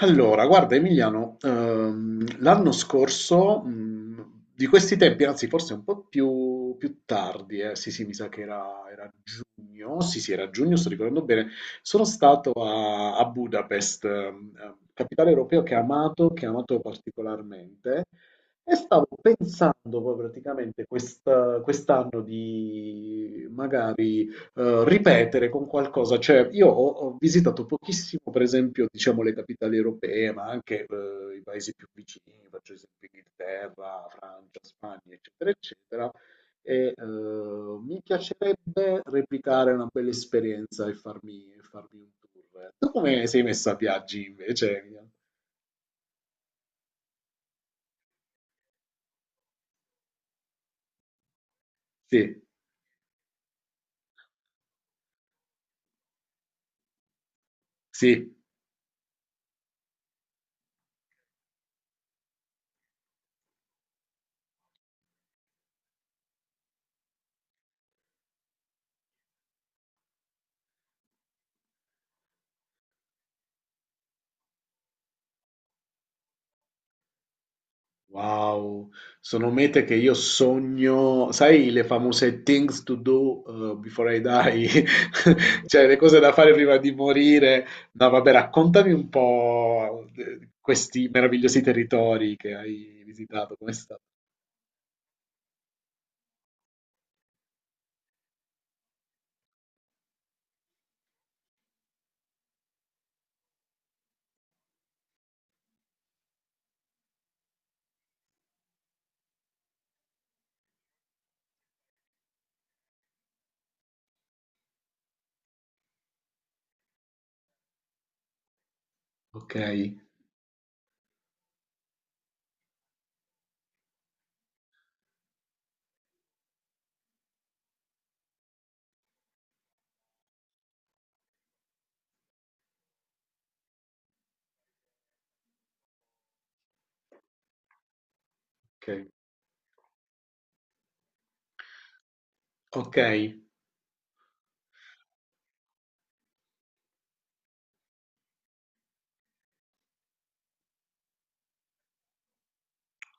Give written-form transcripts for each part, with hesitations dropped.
Allora, guarda Emiliano, l'anno scorso, di questi tempi, anzi forse un po' più tardi, sì sì, mi sa che era giugno, sì sì, era giugno, sto ricordando bene, sono stato a Budapest, capitale europeo che ho amato particolarmente, e stavo pensando poi praticamente quest'anno di magari ripetere con qualcosa. Cioè, io ho visitato pochissimo, per esempio, diciamo, le capitali europee, ma anche i paesi più vicini, faccio esempio Inghilterra, Francia, Spagna, eccetera, eccetera. Mi piacerebbe replicare una bella esperienza e farmi un tour. Tu come sei messa a viaggi invece? Sì, sì. Wow, sono mete che io sogno, sai, le famose things to do before I die, cioè le cose da fare prima di morire. No, vabbè, raccontami un po' questi meravigliosi territori che hai visitato, come è stato? Ok, ok, ok,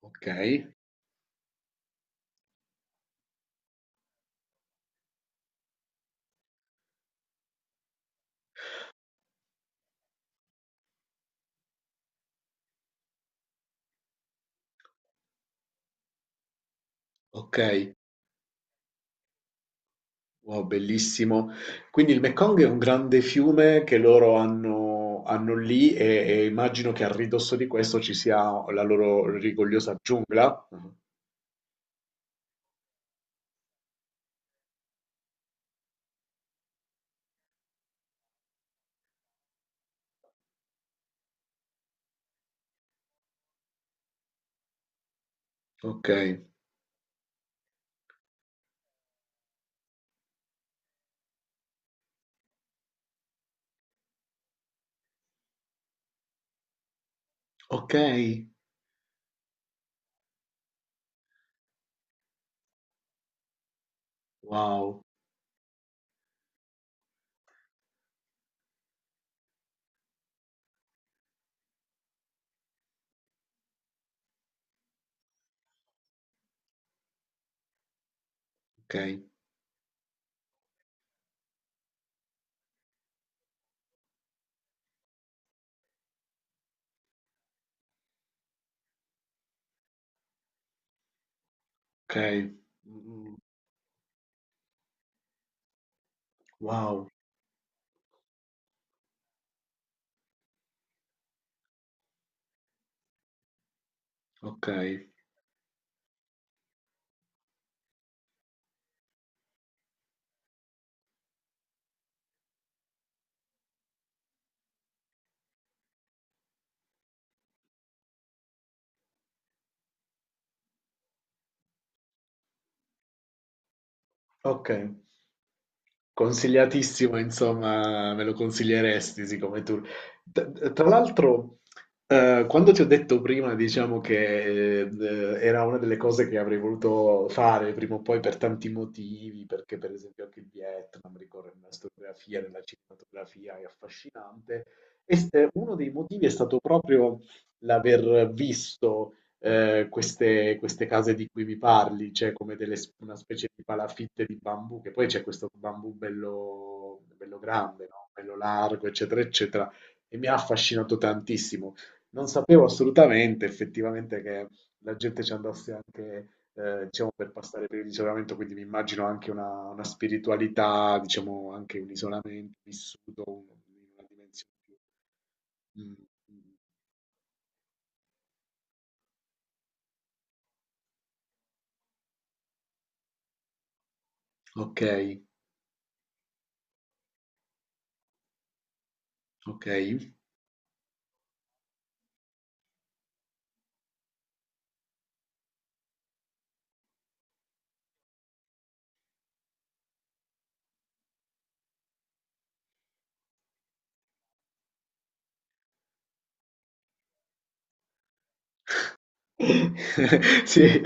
ok, ok. Wow, bellissimo. Quindi il Mekong è un grande fiume che loro hanno lì e immagino che a ridosso di questo ci sia la loro rigogliosa giungla. Mhm. Ok, ok, wow, ok, ok, mm, wow, ok, ok. Consigliatissimo, insomma, me lo consiglieresti siccome tu. Tra l'altro, quando ti ho detto prima, diciamo che era una delle cose che avrei voluto fare prima o poi per tanti motivi, perché per esempio anche il Vietnam ricorre nella storiografia, nella cinematografia, è affascinante. Uno dei motivi è stato proprio l'aver visto queste case di cui mi parli, cioè come delle, una specie di palafitte di bambù, che poi c'è questo bambù bello, bello grande, no? Bello largo, eccetera, eccetera, e mi ha affascinato tantissimo. Non sapevo assolutamente, effettivamente, che la gente ci andasse anche, diciamo, per passare per l'isolamento, quindi mi immagino anche una spiritualità, diciamo, anche un isolamento vissuto in una dimensione più... Mm, mm. Ok, ok. Sì,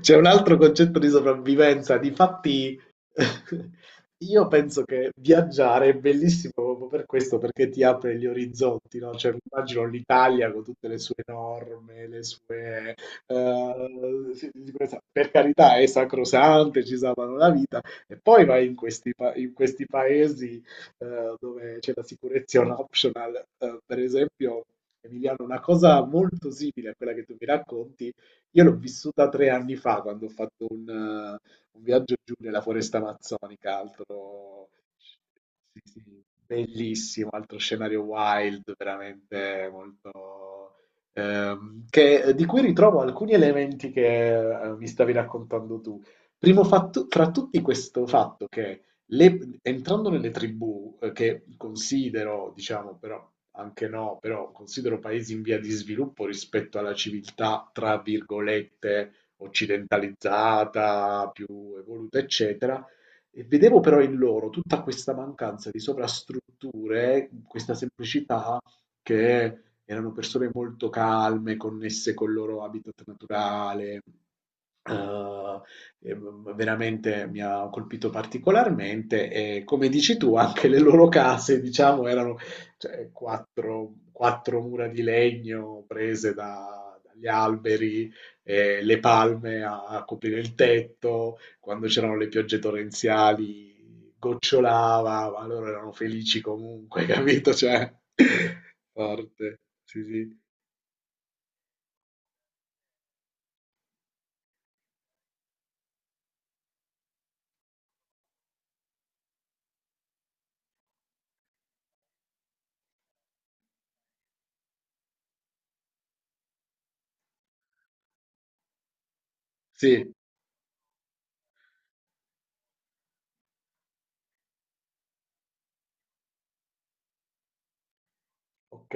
c'è un altro concetto di sopravvivenza. Difatti, io penso che viaggiare è bellissimo proprio per questo, perché ti apre gli orizzonti, no? Cioè, mi immagino l'Italia con tutte le sue norme, le sue... sì, di sicurezza. Per carità, è sacrosante, ci salvano la vita. E poi vai in questi paesi dove c'è la sicurezza è un optional. Per esempio, Emiliano, una cosa molto simile a quella che tu mi racconti, io l'ho vissuta tre anni fa quando ho fatto un viaggio giù nella foresta amazzonica, altro sì, sì, bellissimo, altro scenario wild, veramente molto... di cui ritrovo alcuni elementi che mi stavi raccontando tu. Primo fatto, fra tutti questo fatto che le entrando nelle tribù, che considero, diciamo, però anche no, però considero paesi in via di sviluppo rispetto alla civiltà, tra virgolette, occidentalizzata, più evoluta, eccetera, e vedevo però in loro tutta questa mancanza di sovrastrutture, questa semplicità che erano persone molto calme, connesse col loro habitat naturale. eh, eh, Veramente mi ha colpito particolarmente e come dici tu anche le loro case diciamo erano cioè, quattro mura di legno prese dagli alberi le palme a coprire il tetto quando c'erano le piogge torrenziali gocciolava ma loro erano felici comunque capito cioè forte sì sì sì ok.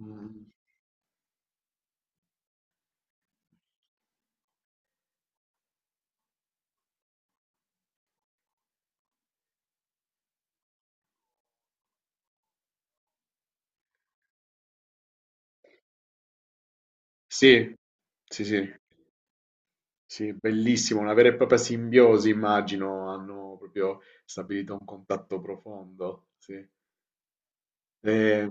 Mm. Sì sì sì. Sì, bellissimo, una vera e propria simbiosi, immagino, hanno proprio stabilito un contatto profondo, sì. Eh,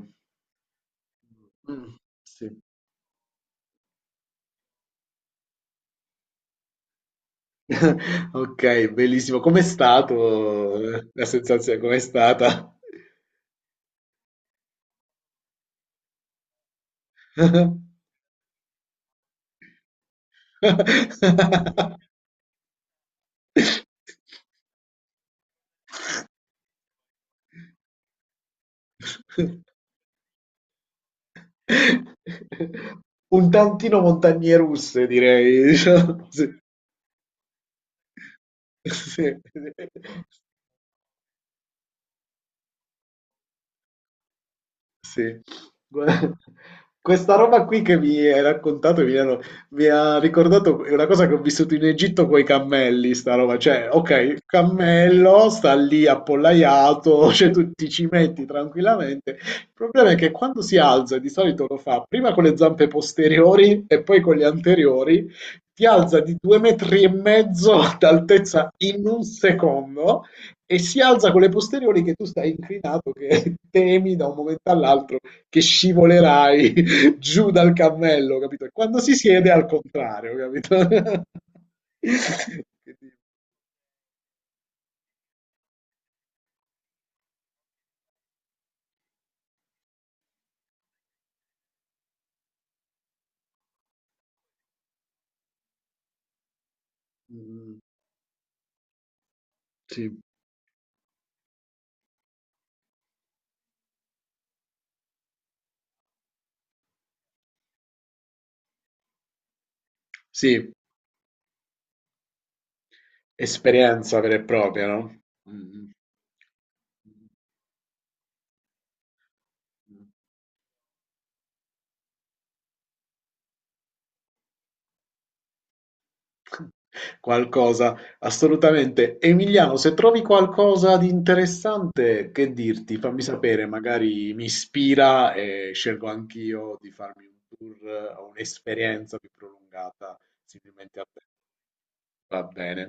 mm, sì. Ok, bellissimo. Com'è stato la sensazione? Com'è stata? Un tantino montagne russe, direi, diciamo. Sì, sì, sì. Sì. Gua questa roba qui che mi hai raccontato mi ha ricordato una cosa che ho vissuto in Egitto coi cammelli, sta roba. Cioè, okay, il cammello sta lì appollaiato, cioè tu ti ci metti tranquillamente. Il problema è che quando si alza, di solito lo fa prima con le zampe posteriori e poi con le anteriori, ti alza di 2 metri e mezzo d'altezza in 1 secondo e si alza con le posteriori che tu stai inclinato, che temi da un momento all'altro che scivolerai giù dal cammello, capito? E quando si siede è al contrario, capito? Quindi, mm, sì. Sì, esperienza vera e propria, no? Mm. Qualcosa, assolutamente. Emiliano, se trovi qualcosa di interessante, che dirti? Fammi sapere, magari mi ispira e scelgo anch'io di farmi un tour o un'esperienza più prolungata, similmente a te. Va bene.